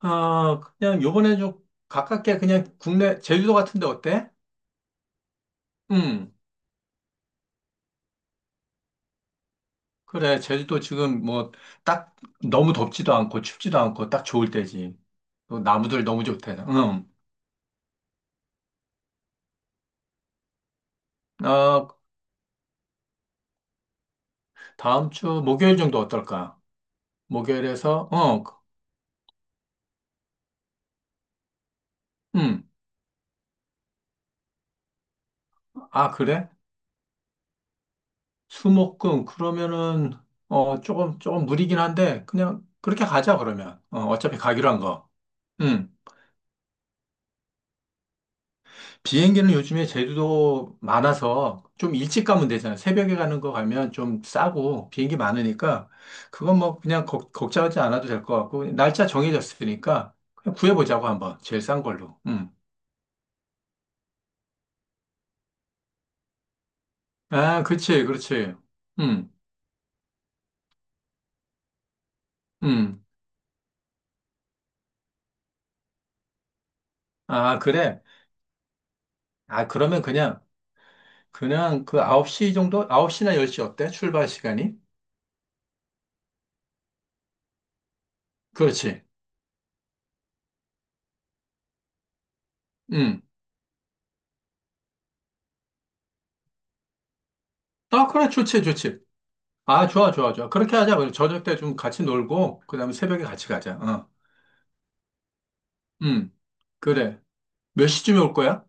아, 그냥 요번에 좀 가깝게 그냥 국내 제주도 같은데 어때? 음, 그래. 제주도 지금 뭐 딱 너무 덥지도 않고 춥지도 않고 딱 좋을 때지. 또 나무들 너무 좋대. 음. 아, 다음 주 목요일 정도 어떨까? 목요일에서 음. 아, 그래? 수목금 그러면은 조금 무리긴 한데 그냥 그렇게 가자 그러면. 어차피 가기로 한 거. 음. 비행기는 요즘에 제주도 많아서 좀 일찍 가면 되잖아요. 새벽에 가는 거 가면 좀 싸고 비행기 많으니까 그건 뭐 그냥 걱정하지 않아도 될 것 같고 날짜 정해졌으니까 그냥 구해보자고 한번 제일 싼 걸로. 음. 아, 그렇지, 그렇지. 음, 음. 아, 그래. 아, 그러면 그냥 그 9시 정도? 9시나 10시 어때? 출발 시간이? 그렇지. 음. 아, 그래, 좋지, 좋지. 아, 좋아, 좋아, 좋아. 그렇게 하자. 그럼 저녁 때 좀 같이 놀고, 그 다음에 새벽에 같이 가자. 어. 응, 그래. 몇 시쯤에 올 거야?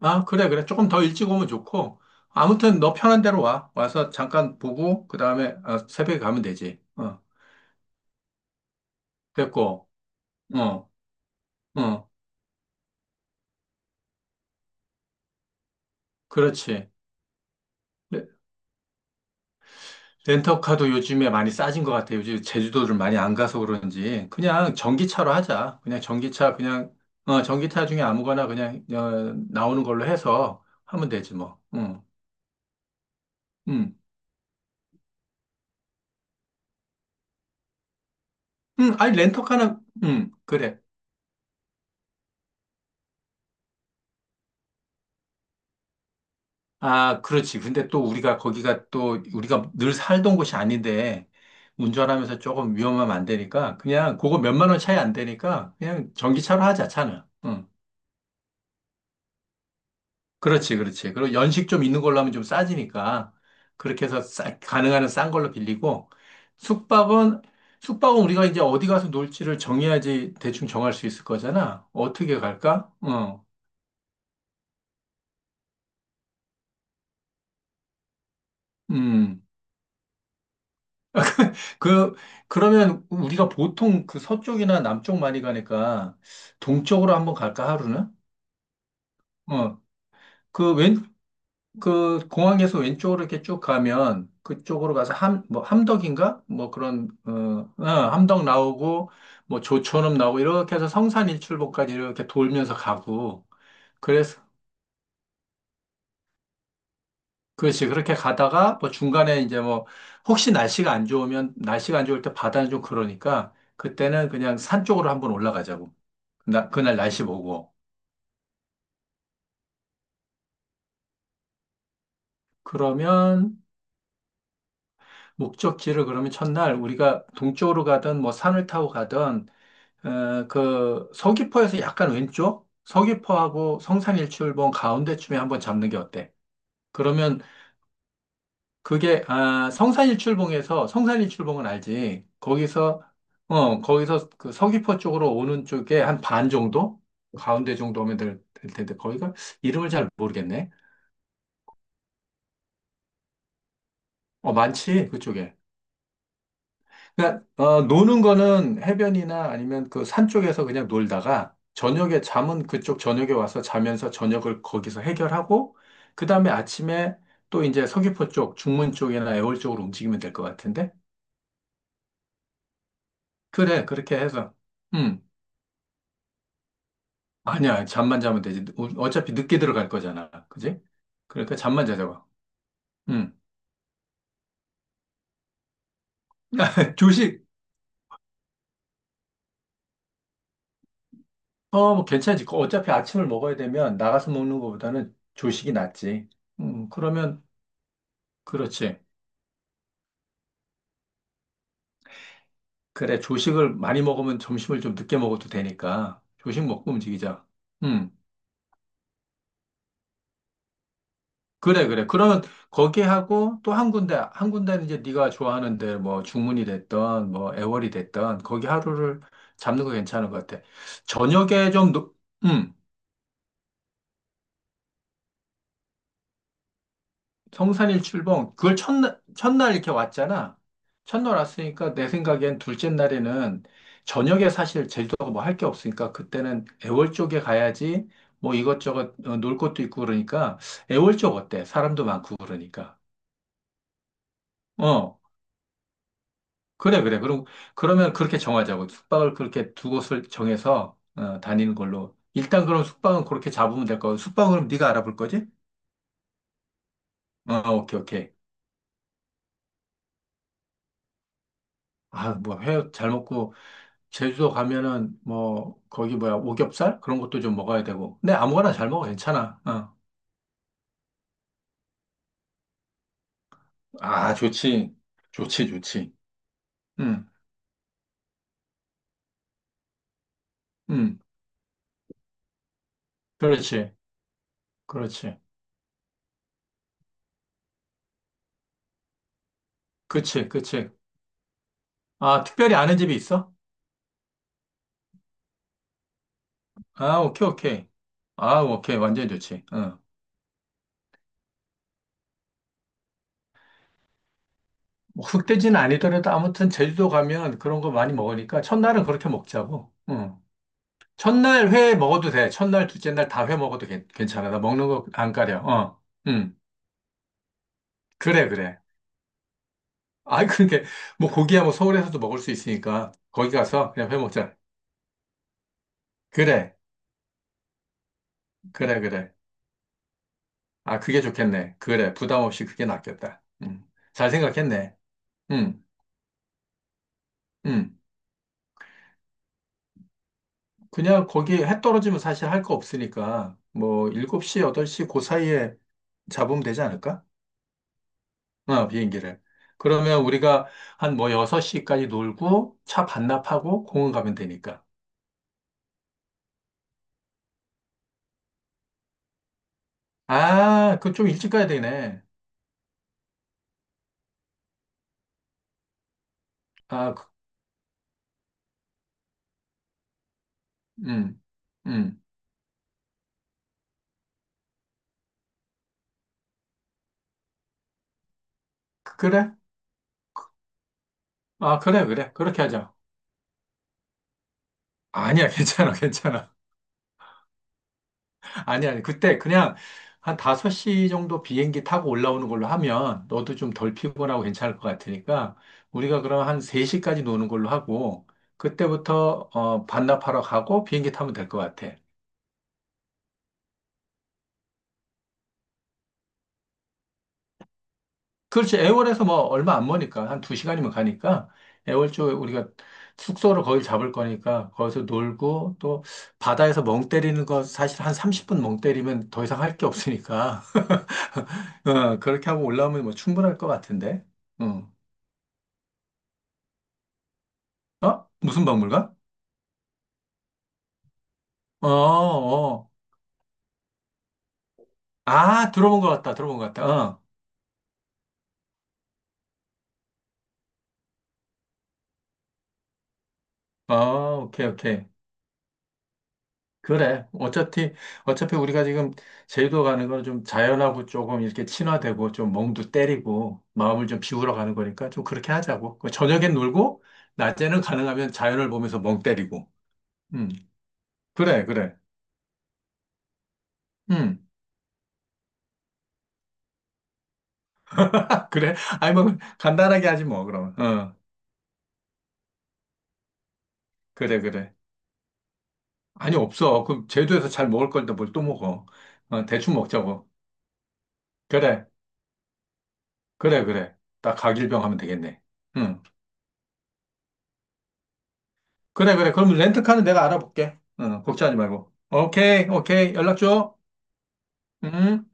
아, 그래, 그래. 조금 더 일찍 오면 좋고. 아무튼 너 편한 대로 와. 와서 잠깐 보고, 그 다음에 새벽에 가면 되지. 어, 됐고. 어, 어, 그렇지. 레- 렌터카도 요즘에 많이 싸진 것 같아. 요즘 제주도를 많이 안 가서 그런지. 그냥 전기차로 하자. 그냥 전기차, 그냥, 전기차 중에 아무거나 그냥, 나오는 걸로 해서 하면 되지 뭐. 응, 응. 응, 아니, 렌터카는, 응, 그래. 아, 그렇지. 근데 또 우리가 거기가 또 우리가 늘 살던 곳이 아닌데 운전하면서 조금 위험하면 안 되니까 그냥 그거 몇만 원 차이 안 되니까 그냥 전기차로 하자, 차는. 응. 그렇지, 그렇지. 그리고 연식 좀 있는 걸로 하면 좀 싸지니까 그렇게 해서 가능한 한싼 걸로 빌리고 숙박은 우리가 이제 어디 가서 놀지를 정해야지 대충 정할 수 있을 거잖아. 어떻게 갈까? 어. 음. 그, 그러면 우리가 보통 그 서쪽이나 남쪽 많이 가니까 동쪽으로 한번 갈까, 하루는? 어, 그 왼, 그 공항에서 왼쪽으로 이렇게 쭉 가면 그쪽으로 가서 뭐 함덕인가? 뭐 그런, 함덕 나오고 뭐 조천읍 나오고 이렇게 해서 성산 일출봉까지 이렇게 돌면서 가고 그래서, 그렇지. 그렇게 가다가 뭐 중간에 이제 뭐 혹시 날씨가 안 좋으면 날씨가 안 좋을 때 바다는 좀 그러니까 그때는 그냥 산 쪽으로 한번 올라가자고. 나, 그날 날씨 보고. 그러면 목적지를 그러면 첫날 우리가 동쪽으로 가든 뭐 산을 타고 가든 그 서귀포에서 약간 왼쪽 서귀포하고 성산일출봉 가운데쯤에 한번 잡는 게 어때? 그러면 그게 아, 성산일출봉에서 성산일출봉은 알지? 거기서 거기서 그 서귀포 쪽으로 오는 쪽에 한 반 정도 가운데 정도 오면 될, 될 텐데 거기가 이름을 잘 모르겠네. 어, 많지 그쪽에. 그러니까 노는 거는 해변이나 아니면 그 산 쪽에서 그냥 놀다가 저녁에 잠은 그쪽 저녁에 와서 자면서 저녁을 거기서 해결하고 그다음에 아침에 또 이제 서귀포 쪽, 중문 쪽이나 애월 쪽으로 움직이면 될 것 같은데? 그래, 그렇게 해서. 음. 아니야, 잠만 자면 되지. 어차피 늦게 들어갈 거잖아. 그지? 그러니까 잠만 자자고. 음. 조식. 뭐 괜찮지. 그 어차피 아침을 먹어야 되면 나가서 먹는 것보다는 조식이 낫지. 그러면 그렇지. 그래, 조식을 많이 먹으면 점심을 좀 늦게 먹어도 되니까. 조식 먹고 움직이자. 음, 그래, 그래. 그러면 거기 하고 또 한 군데, 한 군데는 이제 네가 좋아하는 데 뭐 중문이 됐던 뭐 애월이 됐던 거기 하루를 잡는 거 괜찮은 것 같아. 저녁에 좀, 노- 음. 성산일 출봉, 그걸 첫날, 첫날 이렇게 왔잖아. 첫날 왔으니까 내 생각엔 둘째 날에는 저녁에 사실 제주도가 뭐 할 게 없으니까 그때는 애월 쪽에 가야지 뭐 이것저것 놀 것도 있고 그러니까 애월 쪽 어때? 사람도 많고 그러니까. 어, 그래, 그래. 그럼, 그러면 그렇게 정하자고. 숙박을 그렇게 두 곳을 정해서 다니는 걸로. 일단 그럼 숙박은 그렇게 잡으면 될 거고. 숙박은 그럼 네가 알아볼 거지? 어, 오케이, 오케이. 아, 뭐, 회 잘 먹고. 제주도 가면은 뭐 거기 뭐야 오겹살 그런 것도 좀 먹어야 되고 근데 아무거나 잘 먹어. 괜찮아. 어. 아, 좋지, 좋지, 좋지. 응, 응. 그렇지, 그렇지. 그치, 그치. 아, 특별히 아는 집이 있어? 아, 오케이, 오케이. 아, 오케이, 완전 좋지. 응. 뭐 흑돼지는 아니더라도 아무튼 제주도 가면 그런 거 많이 먹으니까 첫날은 그렇게 먹자고. 응. 첫날 회 먹어도 돼. 첫날 둘째 날 다 회 먹어도 괜찮아. 나 먹는 거 안 가려. 어. 응, 그래, 그래. 아, 그러니까 뭐 고기야 뭐 서울에서도 먹을 수 있으니까 거기 가서 그냥 회 먹자. 그래, 그래, 그래. 아, 그게 좋겠네. 그래, 부담 없이 그게 낫겠다. 잘 생각했네. 음, 음. 그냥 거기 해 떨어지면 사실 할 거 없으니까 뭐 7시, 8시 그 사이에 잡으면 되지 않을까? 어, 비행기를. 그러면 우리가 한 뭐 6시까지 놀고 차 반납하고 공원 가면 되니까. 아, 그 좀 일찍 가야 되네. 아, 그, 음, 음. 그래? 아, 그래, 그래. 그렇게 하자. 아니야, 괜찮아, 괜찮아. 아니야, 아니. 그때 그냥 한 5시 정도 비행기 타고 올라오는 걸로 하면 너도 좀 덜 피곤하고 괜찮을 것 같으니까 우리가 그럼 한 3시까지 노는 걸로 하고 그때부터 반납하러 가고 비행기 타면 될 것 같아. 그렇지. 애월에서 뭐 얼마 안 머니까 한 2시간이면 가니까 애월 쪽에 우리가 숙소를 거기 잡을 거니까 거기서 놀고 또 바다에서 멍 때리는 거 사실 한 30분 멍 때리면 더 이상 할 게 없으니까 어, 그렇게 하고 올라오면 뭐 충분할 것 같은데. 어, 어? 무슨 박물관? 어, 어. 아, 들어본 것 같다. 들어본 것 같다. 어, 어, 오케이, 오케이. 그래. 어차피 우리가 지금 제주도 가는 건 좀 자연하고 조금 이렇게 친화되고 좀 멍도 때리고 마음을 좀 비우러 가는 거니까 좀 그렇게 하자고. 그 저녁엔 놀고 낮에는 가능하면 자연을 보면서 멍 때리고. 음, 그래, 그래. 음, 그래. 아니 뭐, 간단하게 하지 뭐, 그럼. 어, 그래, 그래. 아니, 없어. 그럼 제주에서 잘 먹을 건데 뭘 또 먹어. 어, 대충 먹자고. 그래, 그래, 그래. 딱 가길병 하면 되겠네. 응. 그래, 그래. 그럼 렌트카는 내가 알아볼게. 응, 걱정하지 말고. 오케이, 오케이. 연락 줘. 응.